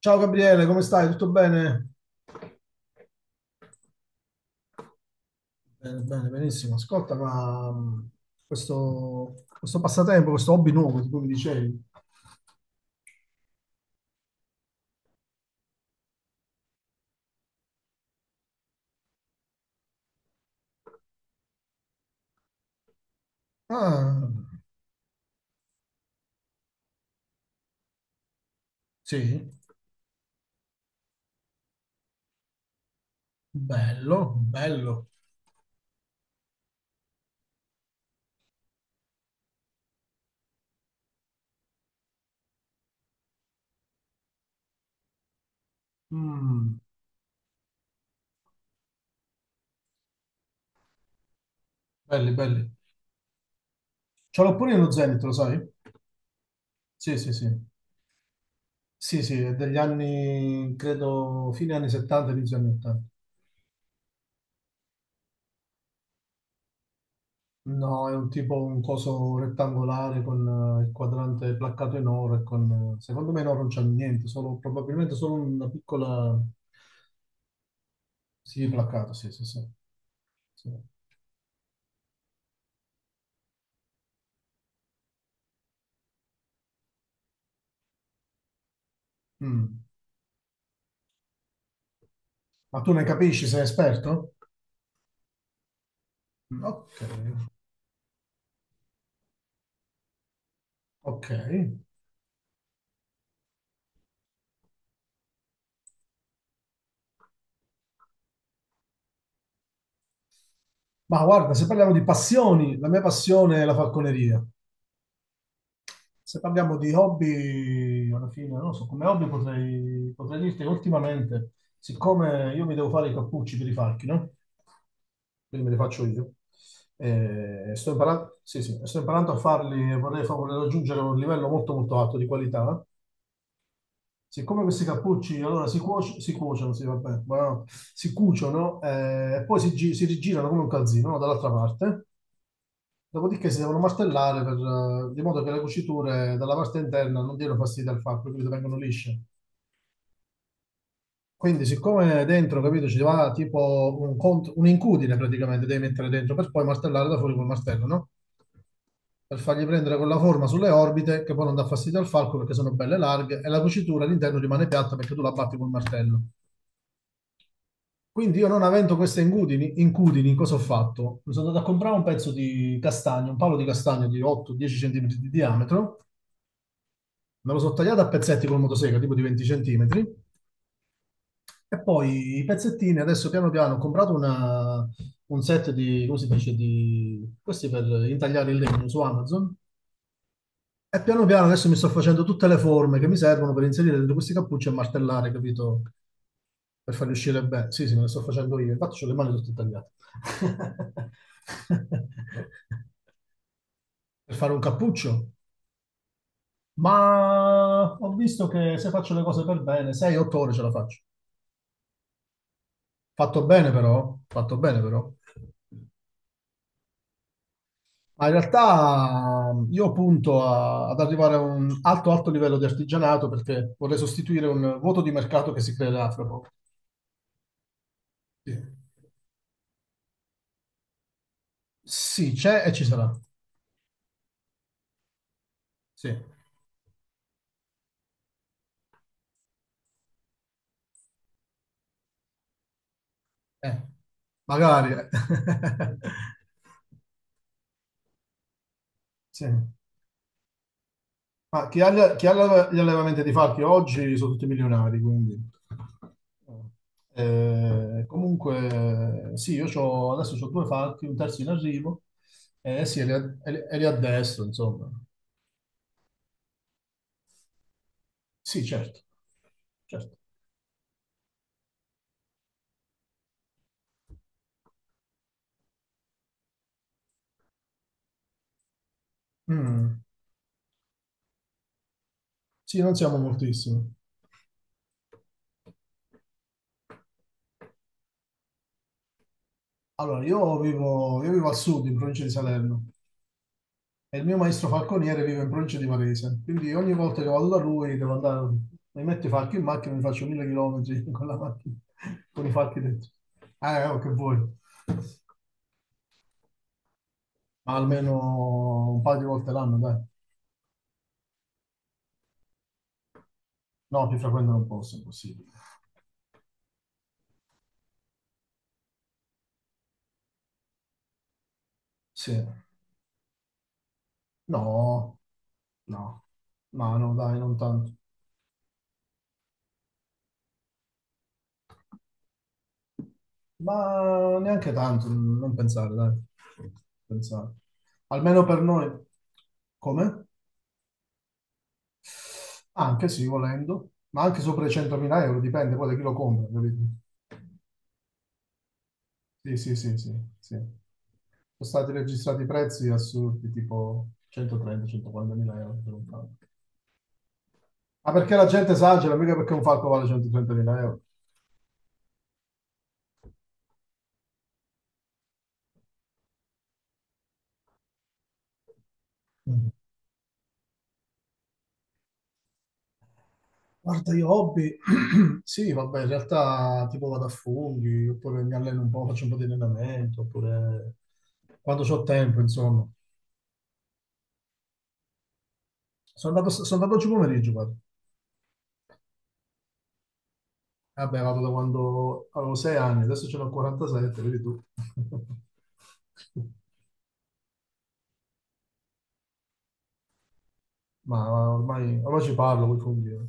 Ciao Gabriele, come stai? Tutto bene? Bene, bene, benissimo. Ascolta, ma questo passatempo, questo hobby nuovo di cui mi dicevi. Ah, sì, bello, bello. Mm, belli, belli. Ce l'ho pure nello Zenith, lo sai? Sì, sì, sì. Sì, sì, è degli anni, credo, fine anni 70, inizio anni 80. No, è un tipo, un coso rettangolare con il quadrante placcato in oro e con, secondo me in oro non c'è niente, solo, probabilmente solo una piccola. Sì, placcato, sì, sì, sì, sì. Mm. Ma tu ne capisci, sei esperto? Mm, ok, ok. Ma guarda, se parliamo di passioni, la mia passione è la falconeria. Se parliamo di hobby, alla fine, non lo so, come hobby potrei dirti che ultimamente, siccome io mi devo fare i cappucci per i falchi, no? Quindi me li faccio io. E sto imparando, sì, sì, sto imparando a farli e vorrei raggiungere un livello molto molto alto di qualità. Siccome questi cappucci allora si cuociono, sì, vabbè, no, si cuciono, e poi si rigirano come un calzino, no? Dall'altra parte, dopodiché si devono martellare per, di modo che le cuciture dalla parte interna non diano fastidio al fatto, quindi vengono lisce. Quindi, siccome dentro, capito, ci va tipo un incudine praticamente, devi mettere dentro per poi martellare da fuori col martello, no? Per fargli prendere quella forma sulle orbite che poi non dà fastidio al falco perché sono belle larghe e la cucitura all'interno rimane piatta perché tu la batti col martello. Quindi io non avendo queste incudini, incudini, cosa ho fatto? Mi sono andato a comprare un pezzo di castagno, un palo di castagno di 8-10 cm di diametro, me lo sono tagliato a pezzetti col motosega, tipo di 20 cm, e poi i pezzettini, adesso piano piano ho comprato un set di, come si dice, questi per intagliare il legno su Amazon, e piano piano adesso mi sto facendo tutte le forme che mi servono per inserire dentro questi cappucci e martellare, capito? Per farli uscire bene. Sì, sì, me le sto facendo io. Infatti, ho le mani tutte tagliate. Per fare un cappuccio. Ma ho visto che se faccio le cose per bene, 6-8 ore ce la faccio. Fatto bene, però. Fatto bene, però. Ma in realtà, io punto ad arrivare a un alto, alto livello di artigianato perché vorrei sostituire un vuoto di mercato che si creerà fra poco. Sì, Sì, c'è e ci sarà. Sì. Eh, magari. Eh. Sì. Ma chi ha, gli chi ha l'alleva- gli allevamenti di falchi oggi sono tutti milionari, quindi... comunque, sì, io adesso ho due falchi, un terzo in arrivo, e e li addestro, insomma. Sì, certo, certo. Mm. Sì, non siamo moltissimi. Allora, io vivo al sud, in provincia di Salerno. E il mio maestro falconiere vive in provincia di Varese, quindi ogni volta che vado da lui devo andare, mi metto i falchi in macchina e mi faccio 1000 chilometri con la macchina, con i falchi dentro. Oh, che vuoi, ma almeno un paio di volte l'anno, dai. No, ti frequentano un po', se è possibile. Sì, no, no, no, no, dai, non tanto. Ma neanche tanto, non pensare, dai. Non pensare. Almeno per noi. Come? Anche sì, volendo, ma anche sopra i 100.000 euro, dipende poi da chi lo compra, capito? Sì, sì, sì, sì, sì. Sono stati registrati prezzi assurdi, tipo 130-140.000 euro per un falco. Ma perché la gente esagera, mica perché un falco vale 130.000 euro. Mm. Guarda, io hobby, sì, vabbè, in realtà tipo vado a funghi, oppure mi alleno un po', faccio un po' di allenamento, oppure quando ho tempo, insomma. Sono andato oggi pomeriggio, guarda. Vabbè, vado da quando avevo 6 anni, adesso ce n'ho 47, vedi tu. Ma ormai ci parlo, vuoi fondire.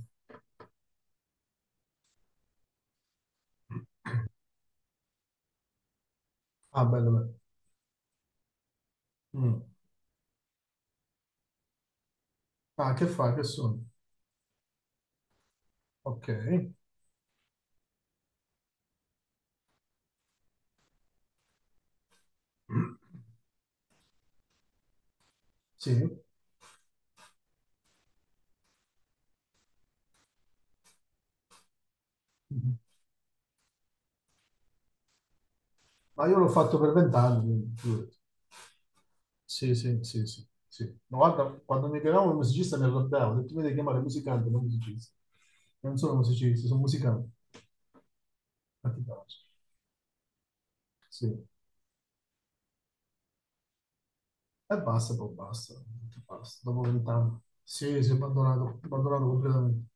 Ah, bello, bello. Mm. Ah, che fai? Che sono? Ok. Sì. Mhm. Ma io l'ho fatto per 20 anni, quindi, figurati. Sì, sì, sì, sì, sì. Ma guarda, quando mi chiamavano il musicista mi arrabbiavo, ho detto, mi devi chiamare musicante, non musicista. Non sono musicista, sono musicante. Ma ti piace? Sì. E basta, poi basta, basta. Dopo vent'anni. Sì, si è abbandonato, abbandonato completamente.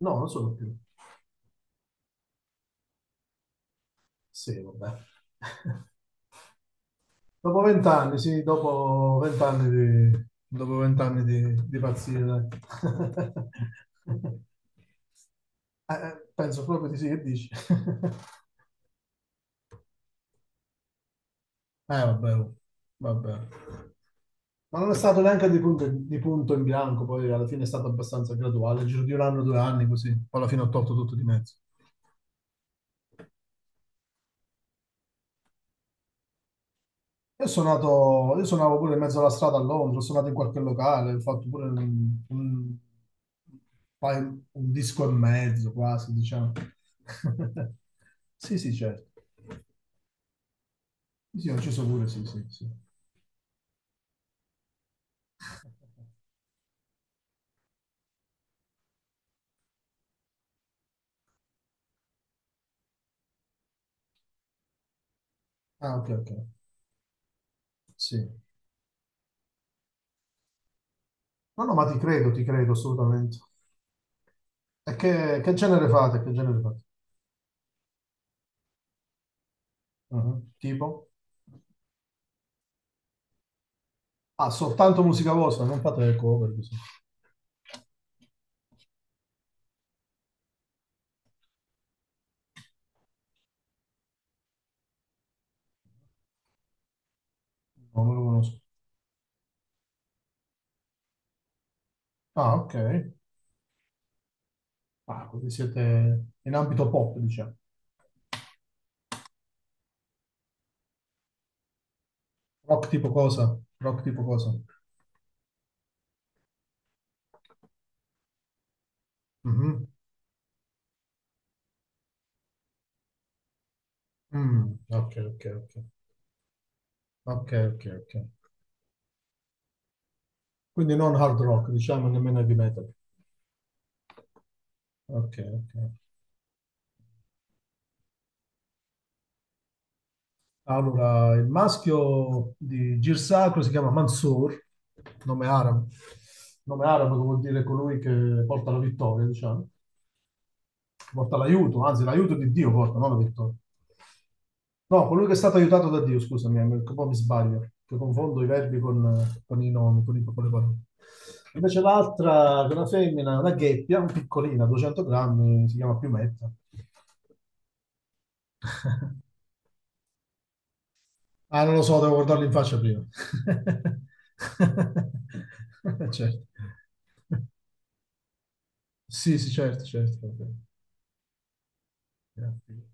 No, non sono più. Sì, vabbè. Dopo vent'anni, sì, dopo vent'anni di pazzie, dai. Eh, penso proprio di sì, che dici? Vabbè, oh, vabbè. Ma non è stato neanche di punto in bianco, poi alla fine è stato abbastanza graduale, nel giro di un anno, due anni, così. Poi alla fine ho tolto tutto di mezzo. Io sono nato, io suonavo pure in mezzo alla strada a Londra, ho suonato in qualche locale, ho fatto pure un disco e mezzo quasi, diciamo. Sì, sì, certo. Sì, sì, ho inciso pure, sì, sì, sì. Ah, ok, ok. Sì. No, no, ma ti credo assolutamente. E che genere fate? Che genere fate? Mhm. Tipo? Ah, soltanto musica vostra, non fate le cover, così. No, non lo conosco. Ah, ok. Ah, quindi siete in ambito pop, diciamo. Rock tipo cosa? Rock tipo cosa? Mhm. Mm, ok, ok, ok. Ok, ok, ok. Quindi non hard rock, diciamo nemmeno heavy metal. Ok, ok. Allora, il maschio di Girsacro si chiama Mansour, nome arabo. Nome arabo che vuol dire colui che porta la vittoria, diciamo. Porta l'aiuto, anzi l'aiuto di Dio porta, non la vittoria. No, colui che è stato aiutato da Dio, scusami, un po' mi sbaglio, che confondo i verbi con, i nomi, con le parole. Invece l'altra, che è una femmina, una gheppia, un piccolina, 200 grammi, si chiama Piumetta. Ah, non lo so, devo guardarlo in faccia prima. Certo. Sì, sì, certo, certo. Va bene. Grazie.